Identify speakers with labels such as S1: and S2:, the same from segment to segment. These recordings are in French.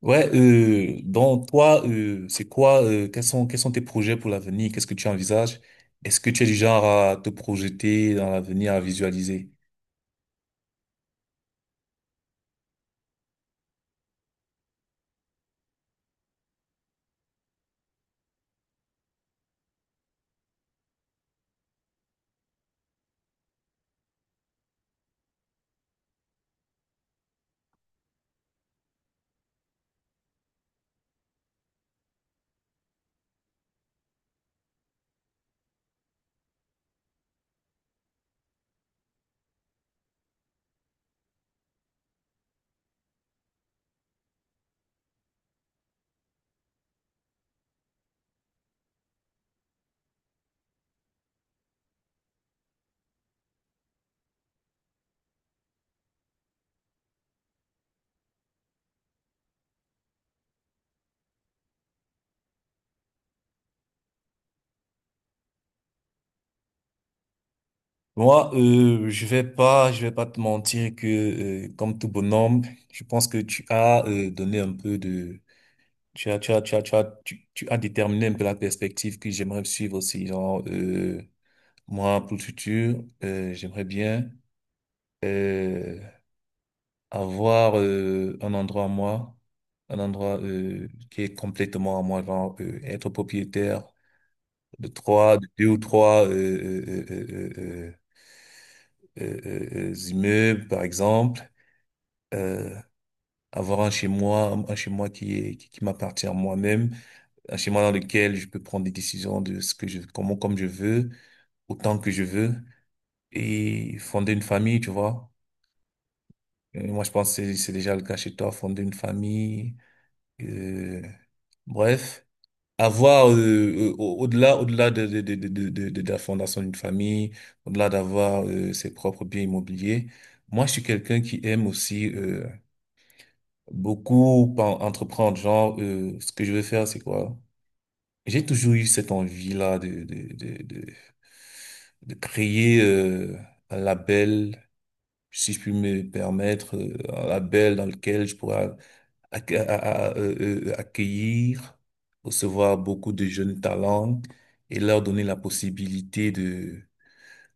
S1: Ouais, donc toi, c'est quoi, quels sont tes projets pour l'avenir? Qu'est-ce que tu envisages? Est-ce que tu es du genre à te projeter dans l'avenir, à visualiser? Moi, je vais pas te mentir que, comme tout bonhomme, je pense que tu as donné un peu de, tu as, tu as, tu as, tu as, tu as déterminé un peu la perspective que j'aimerais suivre aussi. Genre, moi, pour le futur, j'aimerais bien, euh, avoir un endroit à moi, un endroit qui est complètement à moi, genre être propriétaire de trois, de deux ou trois immeubles, par exemple. Euh, avoir un chez moi, un chez moi qui m'appartient à moi-même, un chez moi dans lequel je peux prendre des décisions de ce que je, comment, comme je veux, autant que je veux, et fonder une famille, tu vois. Moi, je pense que c'est déjà le cas chez toi, fonder une famille. Euh, bref, avoir au-delà, de la fondation d'une famille, au-delà d'avoir ses propres biens immobiliers, moi je suis quelqu'un qui aime aussi beaucoup entreprendre. Genre, ce que je veux faire, c'est quoi? J'ai toujours eu cette envie-là de créer un label, si je puis me permettre, un label dans lequel je pourrais accueillir, recevoir beaucoup de jeunes talents et leur donner la possibilité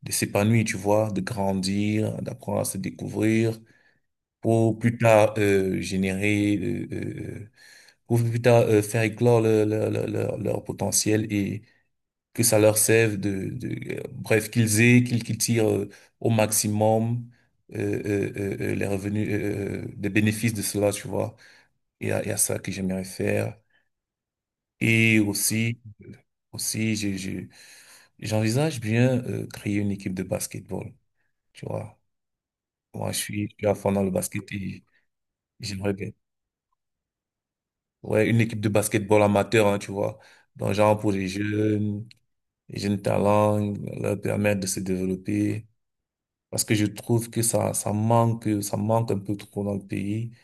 S1: de s'épanouir, tu vois, de grandir, d'apprendre à se découvrir pour plus tard générer, pour plus tard faire éclore leur potentiel et que ça leur serve de bref, qu'ils qu'ils tirent au maximum les revenus, des bénéfices de cela, tu vois. Et à ça que j'aimerais faire. Et aussi, aussi, j'envisage bien créer une équipe de basketball. Tu vois, moi, je suis à fond dans le basket et j'aimerais bien. Ouais, une équipe de basketball amateur, hein, tu vois. Donc, genre pour les jeunes talents, leur permettre de se développer. Parce que je trouve que ça, ça manque un peu trop dans le pays.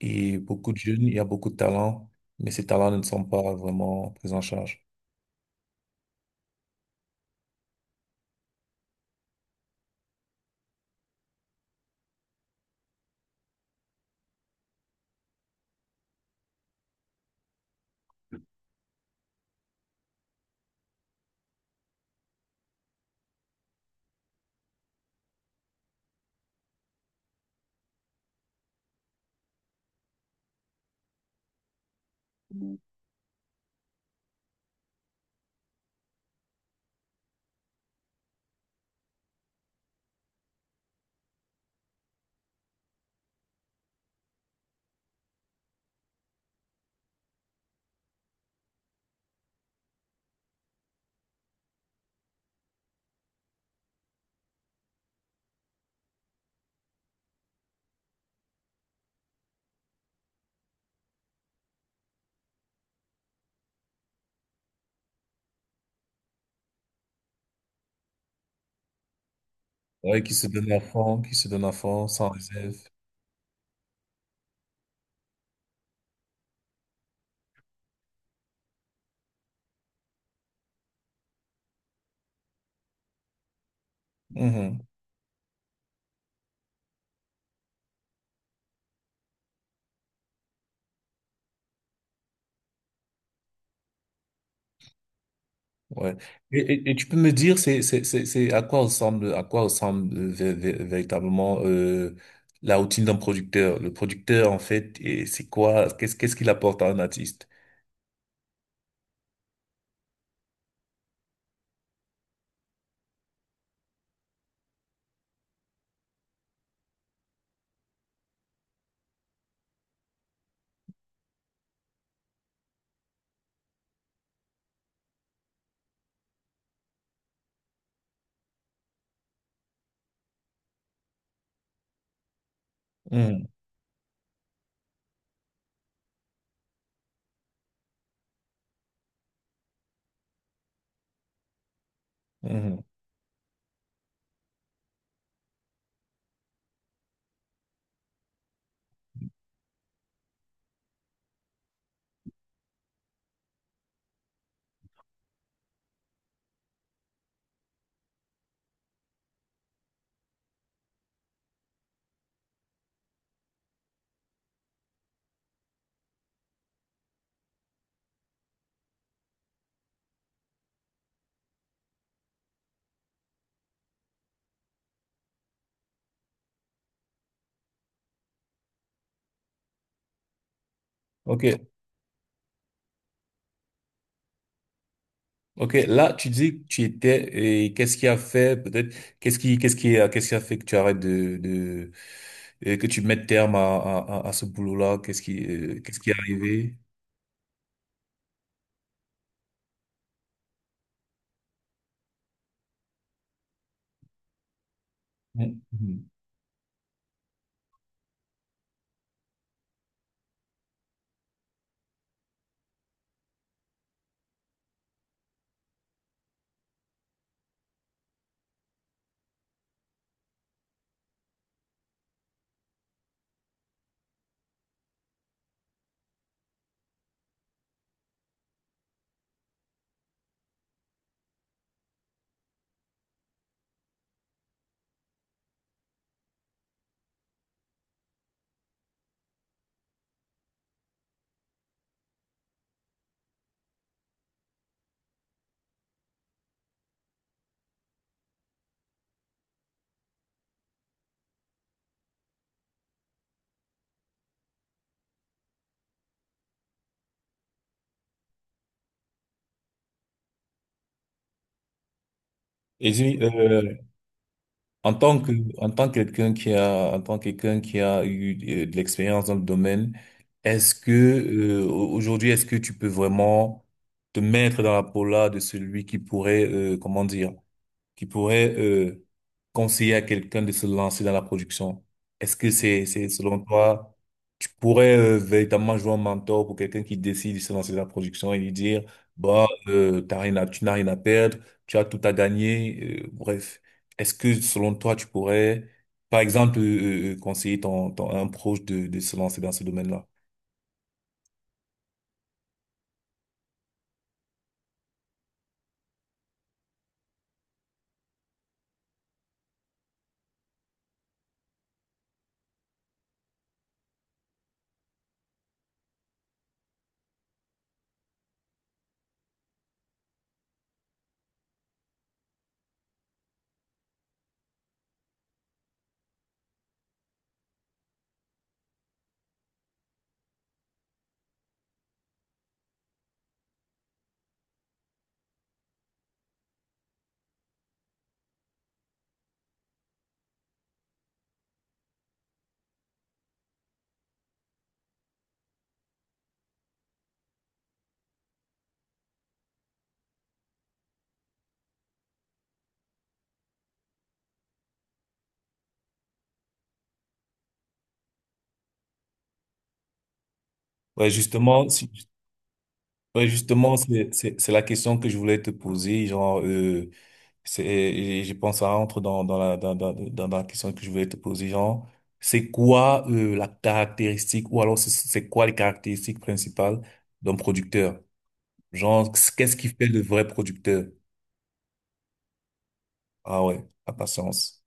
S1: Et beaucoup de jeunes, il y a beaucoup de talents, mais ces talents ne sont pas vraiment pris en charge. Ouais, qui se donnent à fond, qui se donnent à fond, sans réserve. Mhm. Ouais. Et tu peux me dire, c'est à quoi ressemble véritablement la routine d'un producteur? Le producteur, en fait, et c'est quoi, qu'est-ce qu'il apporte à un artiste? Mhm, mhm. Ok, ok. Là, tu dis que tu étais et qu'est-ce qui a fait peut-être qu'est-ce qui a fait que tu arrêtes de et que tu mettes terme à ce boulot-là? Qu'est-ce qui est arrivé? Mhm. Et dis, en tant que, en tant que quelqu'un qui a eu de l'expérience dans le domaine, est-ce que, aujourd'hui, est-ce que tu peux vraiment te mettre dans la peau là de celui qui pourrait, comment dire, qui pourrait conseiller à quelqu'un de se lancer dans la production? C'est selon toi, tu pourrais véritablement jouer un mentor pour quelqu'un qui décide de se lancer dans la production et lui dire, bah, t'as rien à, tu n'as rien à perdre, tu as tout à gagner, bref. Est-ce que selon toi, tu pourrais, par exemple, conseiller un proche de se lancer dans ce domaine-là? Ouais, justement, ouais, justement, c'est la question que je voulais te poser, genre, c'est, et je pense, ça entre dans, dans la question que je voulais te poser, genre, c'est quoi la caractéristique, ou alors c'est quoi les caractéristiques principales d'un producteur? Genre, qu'est-ce qui fait le vrai producteur? Ah ouais, la patience.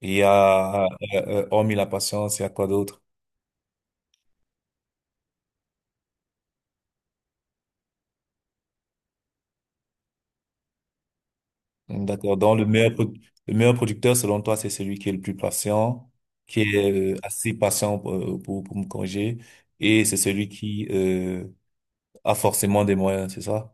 S1: Il y a, hormis la patience, il y a quoi d'autre? D'accord. Donc, le meilleur producteur, selon toi, c'est celui qui est le plus patient, qui est assez patient pour me corriger, et c'est celui qui a forcément des moyens, c'est ça?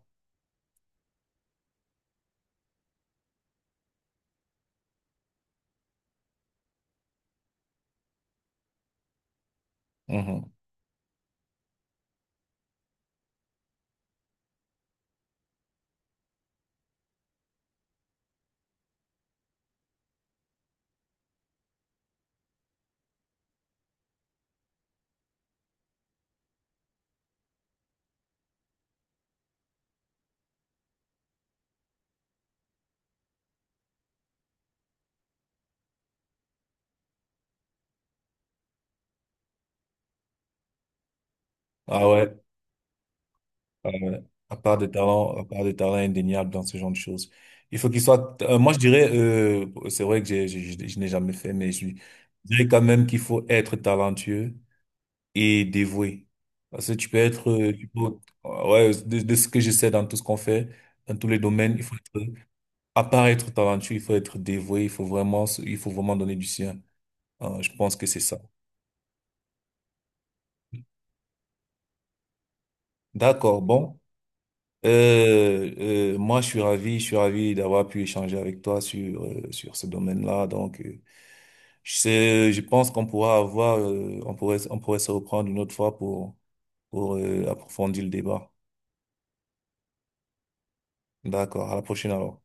S1: Mhm. Ah ouais, ah ouais. À part des talents, à part des talents indéniables dans ce genre de choses. Il faut qu'il soit, moi je dirais, c'est vrai que je n'ai jamais fait, mais je, dirais quand même qu'il faut être talentueux et dévoué. Parce que tu peux être, ouais, de ce que je sais dans tout ce qu'on fait, dans tous les domaines, il faut être, à part être talentueux, il faut être dévoué, il faut vraiment, il faut vraiment donner du sien. Je pense que c'est ça. D'accord, bon. Euh, moi, je suis ravi d'avoir pu échanger avec toi sur sur ce domaine-là. Donc, je sais, je pense qu'on pourra avoir, on pourrait se reprendre une autre fois pour approfondir le débat. D'accord. À la prochaine alors.